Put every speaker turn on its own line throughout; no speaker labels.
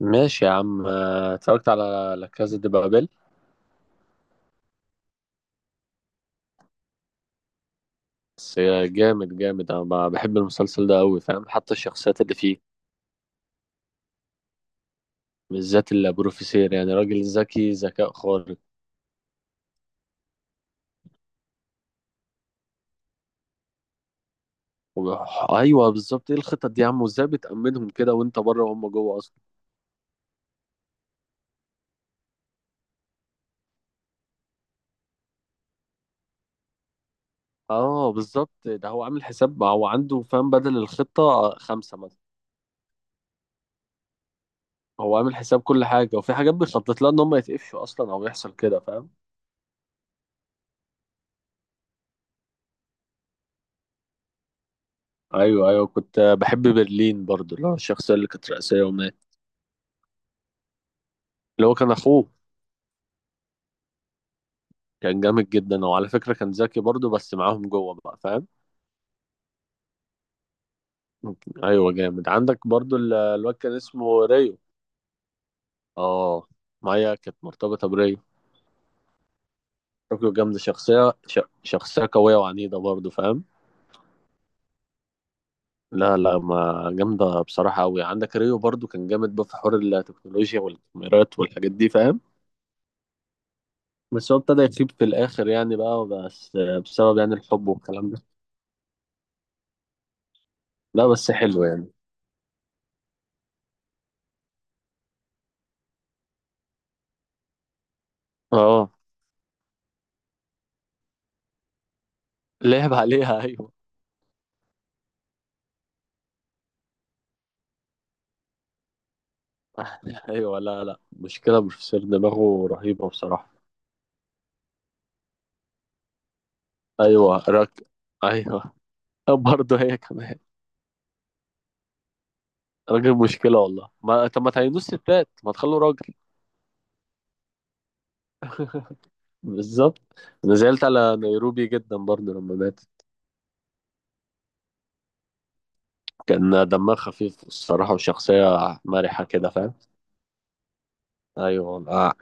ماشي يا عم اتفرجت على لا كازا دي بابيل. بس جامد جامد، انا بحب المسلسل ده قوي، فاهم؟ حتى الشخصيات اللي فيه، بالذات البروفيسير، يعني راجل ذكي ذكاء خارق. وب- ايوه بالظبط، ايه الخطط دي يا عم؟ وازاي بتأمنهم كده وانت بره وهم جوه اصلا؟ اه بالظبط، ده هو عامل حساب، هو عنده فاهم بدل الخطة خمسة مثلا. هو عامل حساب كل حاجة، وفي حاجات بيخطط لها ان هم يتقفشوا اصلا، او يحصل كده فاهم. ايوه ايوه، كنت بحب برلين برضو، اللي هو الشخصية اللي كانت رئيسية ومات. اللي هو كان اخوه، كان جامد جدا. وعلى فكرة كان ذكي برضو، بس معاهم جوه بقى فاهم. ايوه جامد، عندك برضو الواد كان اسمه ريو. اه، مايا كانت مرتبطة بريو. طوكيو جامدة، شخصية شخصية قوية وعنيدة برضو فاهم. لا لا، ما جامدة بصراحة أوي. عندك ريو برضو كان جامد بقى في حوار التكنولوجيا والكاميرات والحاجات دي فاهم. بس هو ابتدى يخيب في الآخر يعني بقى، بس بسبب يعني الحب والكلام ده. لا بس حلو يعني. اه، لعب عليها. أيوه. ايوه، لا لا، مشكله بروفيسور، دماغه رهيبه بصراحه. ايوه راك. ايوه. برضه هي كمان. راجل مشكله والله. ما طب ما تعينوش ستات، ما تخلوا راجل. بالظبط. انا زعلت على نيروبي جدا برضه لما مات. كان دمها خفيف الصراحه، وشخصيه مرحه كده فاهم. ايوه والله.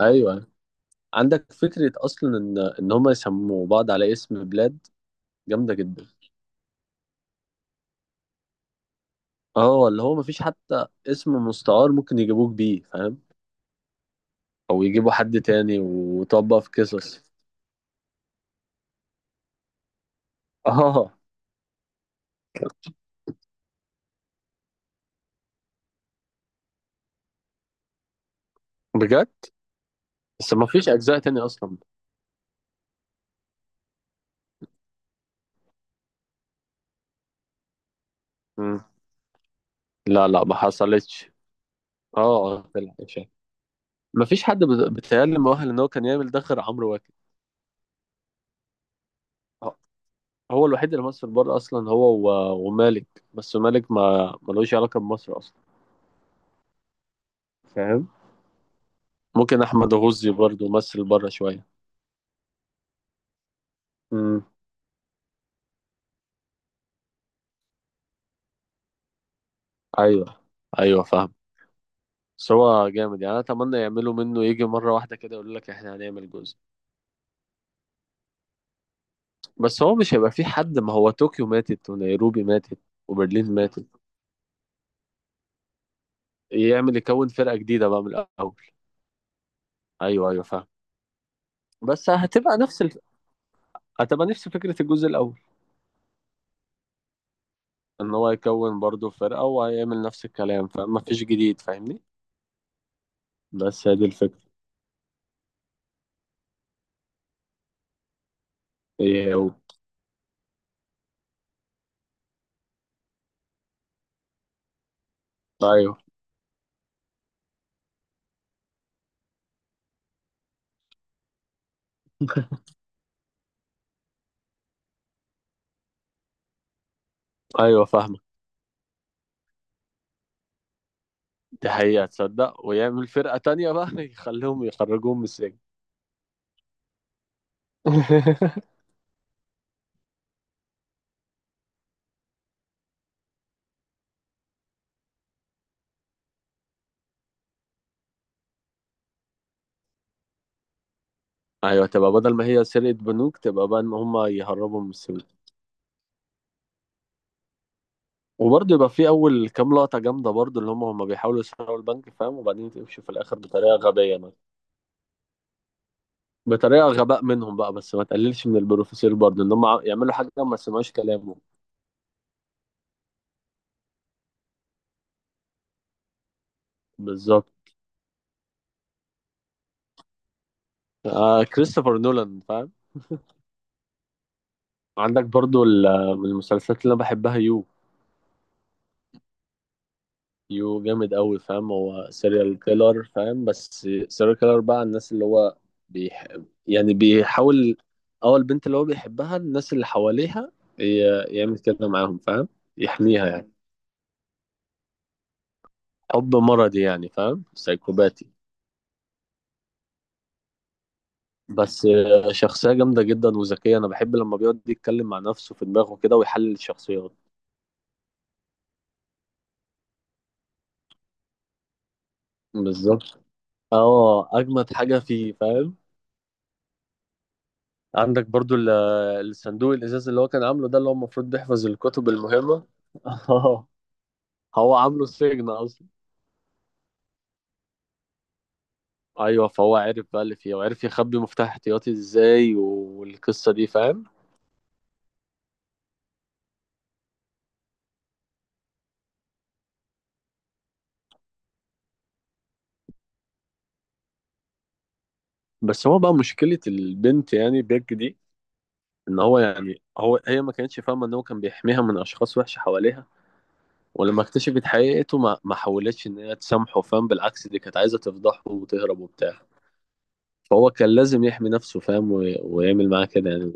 ايوه عندك فكره اصلا ان هم يسموا بعض على اسم بلاد. جامده جدا. اه، اللي هو مفيش حتى اسم مستعار ممكن يجيبوك بيه فاهم. او يجيبوا حد تاني وطبق في قصص. اه بجد. بس ما فيش اجزاء تاني اصلا. مم. لا لا ما حصلتش. اه اه، طلع إشاعة. ما فيش حد بيتهيألي مؤهل ان هو كان يعمل ده غير عمرو واكد. آه. هو الوحيد اللي مصر بره اصلا، هو ومالك، بس مالك ما ملوش علاقه بمصر اصلا فاهم. ممكن احمد غزي برضه مثل بره شويه. مم. ايوه ايوه فاهم. بس هو جامد يعني، انا اتمنى يعملوا منه يجي مره واحده كده، يقول لك احنا هنعمل جزء. بس هو مش هيبقى في حد. ما هو طوكيو ماتت ونيروبي ماتت وبرلين ماتت. يعمل يكون فرقة جديدة بقى من الأول. أيوه أيوه فاهم. بس هتبقى نفس هتبقى نفس فكرة الجزء الأول. إن هو يكون برضه فرقة، وهيعمل نفس الكلام، فما فيش جديد فاهمني. بس هي دي الفكرة. إيه و... أيوه. أيوه فاهمة. دي حقيقة، تصدق ويعمل فرقة تانية بقى. يخليهم يخرجوهم من السجن. أيوه، تبقى بدل ما هي سرقة بنوك، تبقى بقى إن هما يهربوا من السجن. وبرضه يبقى في اول كام لقطه جامده برضه، اللي هم بيحاولوا يسرقوا البنك فاهم، وبعدين تمشي في الاخر بطريقه غبيه مثلا. بطريقه غباء منهم بقى. بس ما تقللش من البروفيسور برضه ان هم يعملوا حاجه ما سمعوش كلامه. بالظبط. آه كريستوفر نولان فاهم. عندك برضه من المسلسلات اللي انا بحبها يو. يو جامد قوي فاهم، هو سيريال كيلر فاهم. بس سيريال كيلر بقى، الناس اللي هو بيح... يعني بيحاول. اول البنت اللي هو بيحبها، الناس اللي حواليها يعمل كده معاهم فاهم. يحميها يعني. حب مرضي يعني فاهم، سايكوباتي. بس شخصية جامدة جدا وذكية. أنا بحب لما بيقعد يتكلم مع نفسه في دماغه كده ويحلل الشخصيات. بالظبط. اه، أجمد حاجة فيه فاهم. عندك برضو الصندوق الازاز اللي هو كان عامله ده، اللي هو المفروض بيحفظ الكتب المهمه. اه، هو عامله سجن اصلا. ايوه، فهو عرف بقى اللي فيه، وعرف يخبي مفتاح احتياطي ازاي والقصه دي فاهم. بس هو بقى مشكله البنت يعني بيج دي، ان هو يعني، هو هي ما كانتش فاهمه ان هو كان بيحميها من اشخاص وحشه حواليها. ولما اكتشفت حقيقته ما ما حاولتش ان هي تسامحه فاهم، بالعكس دي كانت عايزه تفضحه وتهرب وبتاع. فهو كان لازم يحمي نفسه فاهم، ويعمل معاه كده يعني.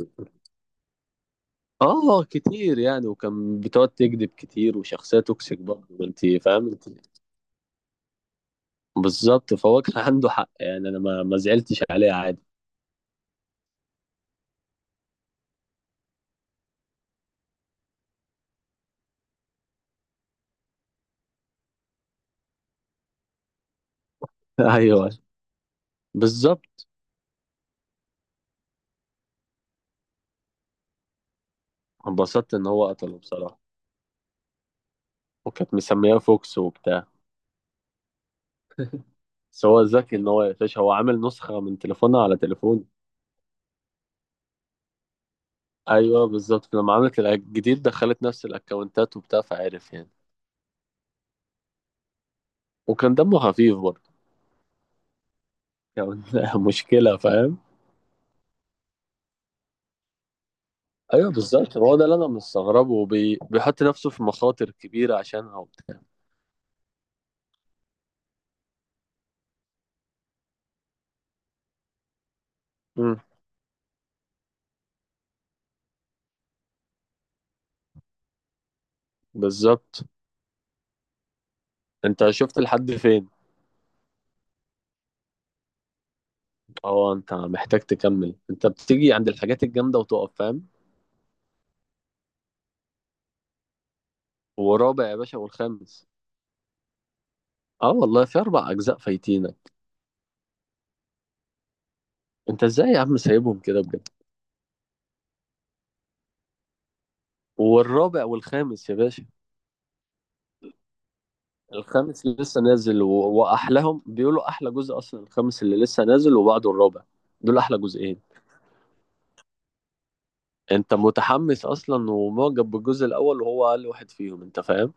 اه كتير يعني، وكان بتقعد تكذب كتير، وشخصية توكسيك برضه انت فاهم انت. بالظبط، فهو كان عنده حق يعني، انا ما ما زعلتش عليه عادي. ايوه بالظبط. انبسطت ان هو قتله بصراحة. وكانت مسمياه فوكس وبتاع. بس هو ذكي ان هو يقفش، هو عامل نسخة من تليفونها على تليفون. ايوه بالظبط، لما عملت الجديد دخلت نفس الاكونتات وبتاع، فعرف يعني. وكان دمه خفيف برضه يعني. مشكلة فاهم. ايوه بالظبط، هو ده اللي انا مستغربه، بيحط نفسه في مخاطر كبيره عشانها وبتاع. امم. بالظبط. انت شفت لحد فين؟ اه، انت محتاج تكمل. انت بتيجي عند الحاجات الجامده وتقف فاهم. ورابع يا باشا والخامس. اه والله، في 4 اجزاء فايتينك. انت ازاي يا عم سايبهم كده بجد؟ والرابع والخامس يا باشا. الخامس اللي لسه نازل و... واحلاهم بيقولوا احلى جزء اصلا، الخامس اللي لسه نازل وبعده الرابع، دول احلى جزئين. انت متحمس اصلا ومعجب بالجزء الاول، وهو اقل واحد فيهم انت فاهم.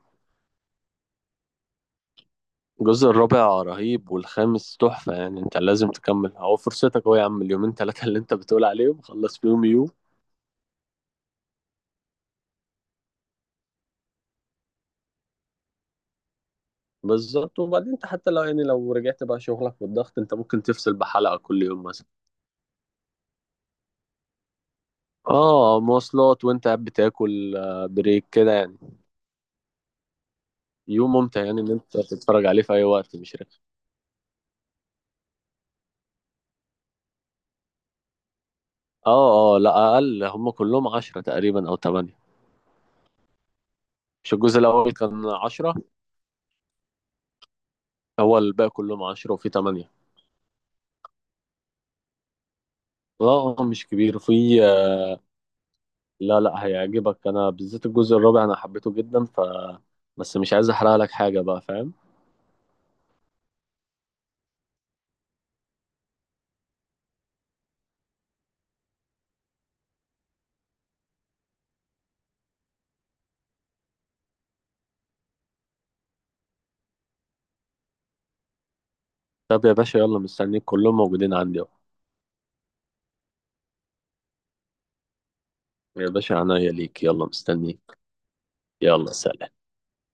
الجزء الرابع رهيب والخامس تحفة يعني. انت لازم تكمل اهو فرصتك اهو يا عم، اليومين ثلاثة اللي انت بتقول عليهم خلص فيهم يوم بالظبط. وبعدين انت حتى لو يعني، لو رجعت بقى شغلك والضغط، انت ممكن تفصل بحلقة كل يوم مثلا. اه مواصلات، وانت قاعد بتاكل بريك كده يعني. يوم ممتع يعني، ان انت تتفرج عليه في اي وقت مش رخم. اه اه، لا اقل هم كلهم 10 تقريبا او 8. مش الجزء الاول كان 10؟ هو الباقي كلهم 10 وفي 8. لا مش كبير في. لا لا، هيعجبك. أنا بالذات الجزء الرابع أنا حبيته جدا، ف بس مش عايز أحرق لك حاجة بقى فاهم. طب يا باشا يلا مستنيك، كلهم موجودين عندي أهو. يا باشا عناية ليك، يلا مستنيك. يلا سلام.